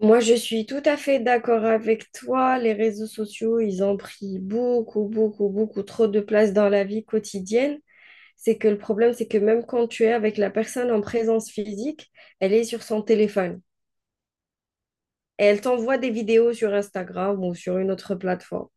Moi, je suis tout à fait d'accord avec toi. Les réseaux sociaux, ils ont pris beaucoup, beaucoup, beaucoup trop de place dans la vie quotidienne. C'est que le problème, c'est que même quand tu es avec la personne en présence physique, elle est sur son téléphone et elle t'envoie des vidéos sur Instagram ou sur une autre plateforme.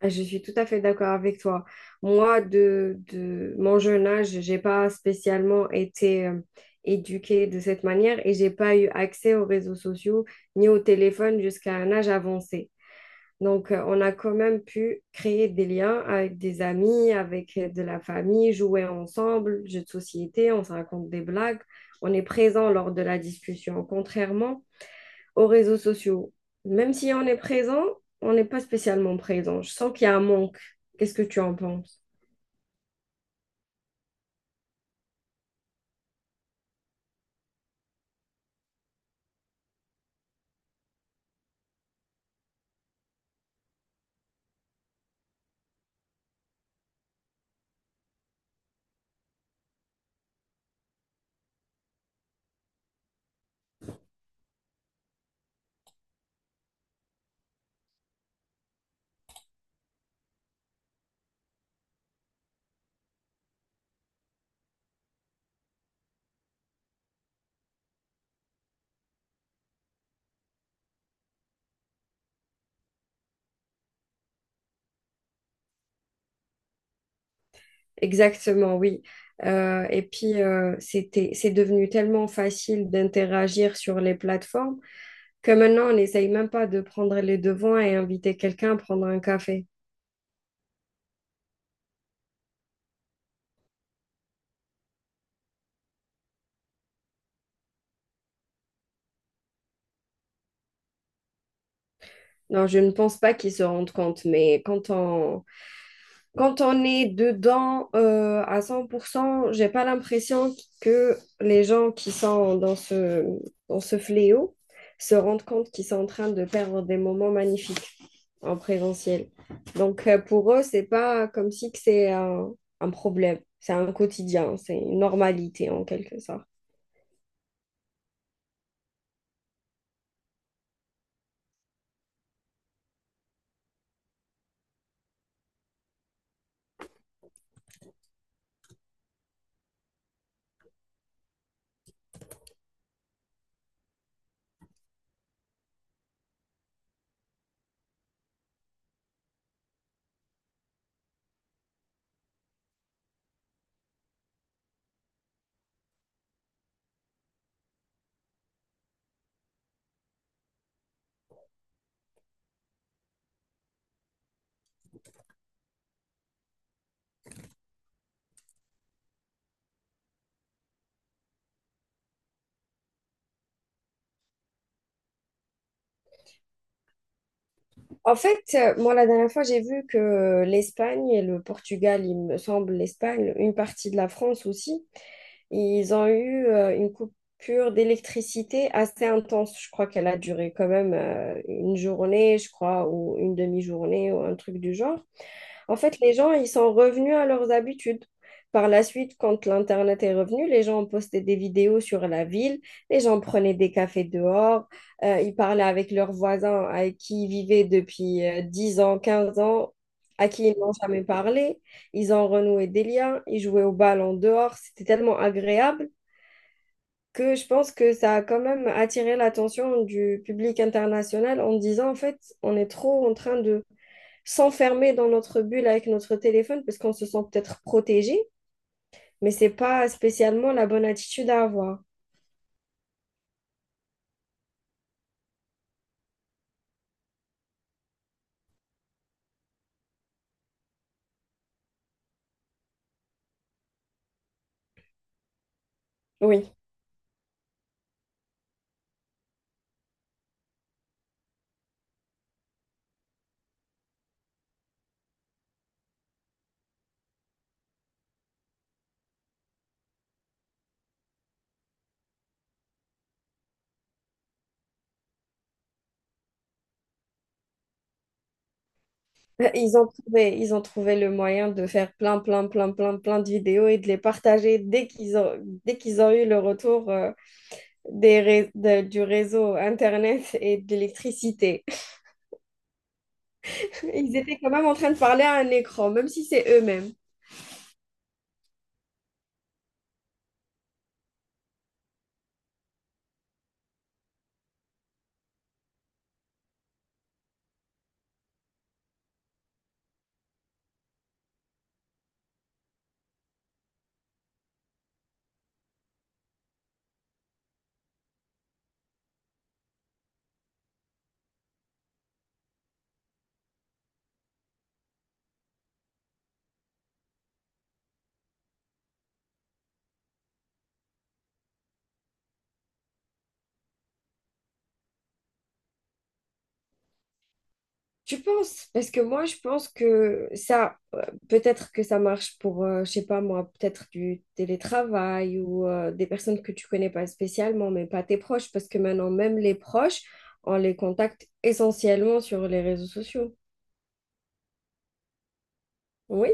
Ah, je suis tout à fait d'accord avec toi. Moi, de mon jeune âge, j'ai pas spécialement été éduquée de cette manière et j'ai pas eu accès aux réseaux sociaux ni au téléphone jusqu'à un âge avancé. Donc, on a quand même pu créer des liens avec des amis, avec de la famille, jouer ensemble, jeux de société, on se raconte des blagues, on est présent lors de la discussion, contrairement aux réseaux sociaux. Même si on est présent, on n'est pas spécialement présent. Je sens qu'il y a un manque. Qu'est-ce que tu en penses? Exactement, oui. Et puis, c'est devenu tellement facile d'interagir sur les plateformes que maintenant, on n'essaye même pas de prendre les devants et inviter quelqu'un à prendre un café. Non, je ne pense pas qu'ils se rendent compte, mais quand on est dedans à 100%, j'ai pas l'impression que les gens qui sont dans ce fléau se rendent compte qu'ils sont en train de perdre des moments magnifiques en présentiel. Donc, pour eux, c'est pas comme si que un problème, c'est un quotidien, c'est une normalité en quelque sorte. En fait, moi, la dernière fois, j'ai vu que l'Espagne et le Portugal, il me semble, l'Espagne, une partie de la France aussi, ils ont eu une coupure d'électricité assez intense. Je crois qu'elle a duré quand même une journée, je crois, ou une demi-journée, ou un truc du genre. En fait, les gens, ils sont revenus à leurs habitudes. Par la suite, quand l'Internet est revenu, les gens ont posté des vidéos sur la ville, les gens prenaient des cafés dehors, ils parlaient avec leurs voisins avec qui ils vivaient depuis 10 ans, 15 ans, à qui ils n'ont jamais parlé. Ils ont renoué des liens, ils jouaient au bal en dehors. C'était tellement agréable que je pense que ça a quand même attiré l'attention du public international en disant, en fait, on est trop en train de s'enfermer dans notre bulle avec notre téléphone parce qu'on se sent peut-être protégé, mais c'est pas spécialement la bonne attitude à avoir. Oui. Ils ont trouvé le moyen de faire plein, plein, plein, plein, plein de vidéos et de les partager dès qu'ils ont eu le retour du réseau Internet et de l'électricité. Ils étaient quand même en train de parler à un écran, même si c'est eux-mêmes. Tu penses? Parce que moi, je pense que peut-être que ça marche pour, je sais pas moi, peut-être du télétravail ou des personnes que tu connais pas spécialement, mais pas tes proches, parce que maintenant, même les proches, on les contacte essentiellement sur les réseaux sociaux. Oui.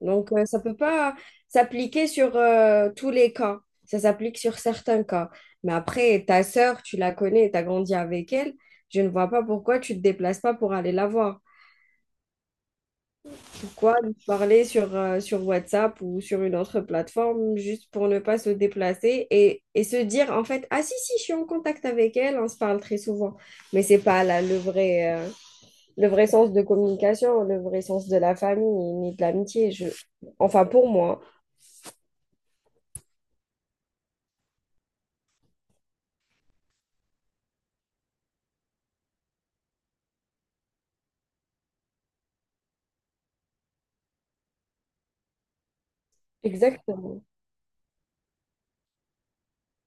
Donc, ça peut pas s'appliquer sur tous les cas. Ça s'applique sur certains cas. Mais après, ta sœur, tu la connais, tu as grandi avec elle. Je ne vois pas pourquoi tu te déplaces pas pour aller la voir. Pourquoi nous parler sur WhatsApp ou sur une autre plateforme juste pour ne pas se déplacer et se dire en fait, ah si, si, je suis en contact avec elle, on se parle très souvent. Mais c'est pas là le le vrai sens de communication, le vrai sens de la famille ni de l'amitié. Je... Enfin, pour moi, exactement.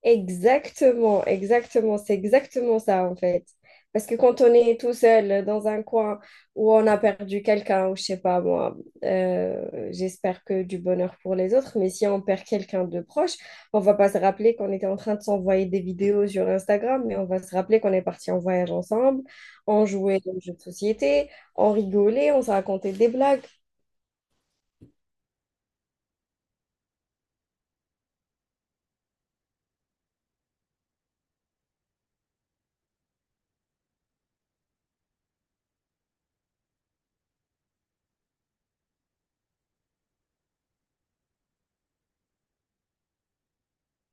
C'est exactement ça en fait. Parce que quand on est tout seul dans un coin où on a perdu quelqu'un, ou je sais pas moi, j'espère que du bonheur pour les autres, mais si on perd quelqu'un de proche, on va pas se rappeler qu'on était en train de s'envoyer des vidéos sur Instagram, mais on va se rappeler qu'on est parti en voyage ensemble, on jouait aux jeux de société, on rigolait, on se racontait des blagues.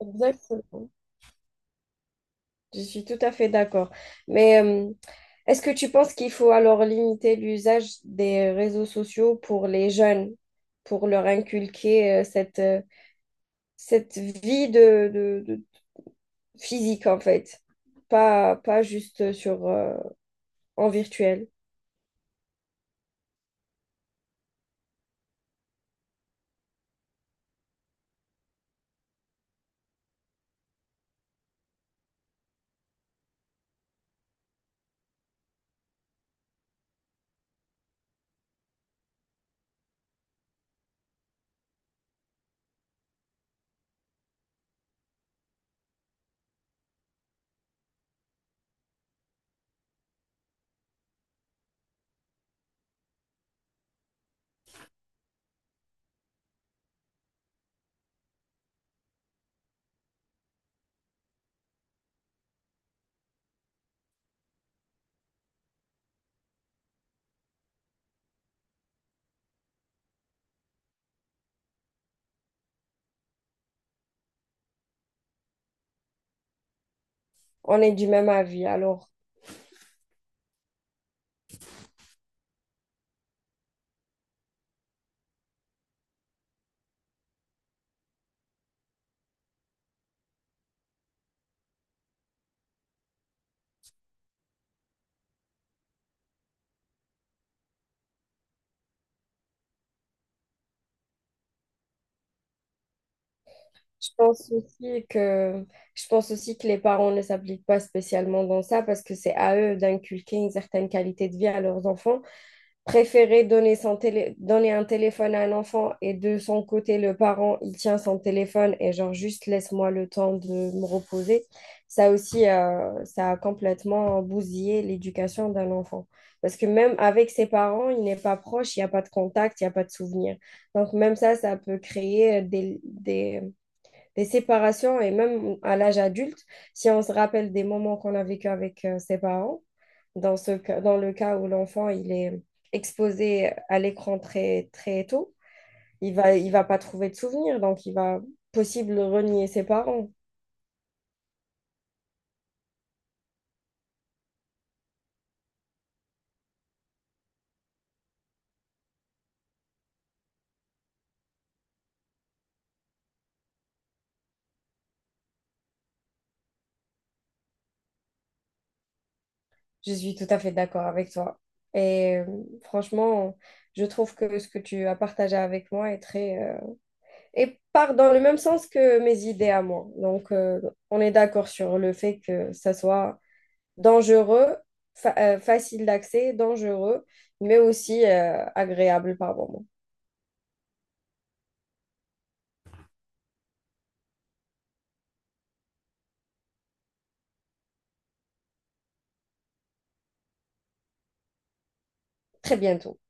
Exactement. Je suis tout à fait d'accord. Mais est-ce que tu penses qu'il faut alors limiter l'usage des réseaux sociaux pour les jeunes, pour leur inculquer cette vie de physique en fait, pas juste en virtuel? On est du même avis. Alors, Je pense aussi que, je pense aussi que les parents ne s'appliquent pas spécialement dans ça parce que c'est à eux d'inculquer une certaine qualité de vie à leurs enfants. Préférer donner un téléphone à un enfant et de son côté, le parent, il tient son téléphone et genre juste laisse-moi le temps de me reposer. Ça aussi, ça a complètement bousillé l'éducation d'un enfant. Parce que même avec ses parents, il n'est pas proche, il n'y a pas de contact, il n'y a pas de souvenir. Donc même ça, ça peut créer des les séparations et même à l'âge adulte, si on se rappelle des moments qu'on a vécu avec ses parents, dans le cas où l'enfant il est exposé à l'écran très très tôt, il va pas trouver de souvenirs, donc il va possible renier ses parents. Je suis tout à fait d'accord avec toi. Et euh, Franchement, je trouve que ce que tu as partagé avec moi est très, et part dans le même sens que mes idées à moi. Donc, on est d'accord sur le fait que ça soit dangereux, facile d'accès, dangereux, mais aussi agréable par moment. Très bientôt.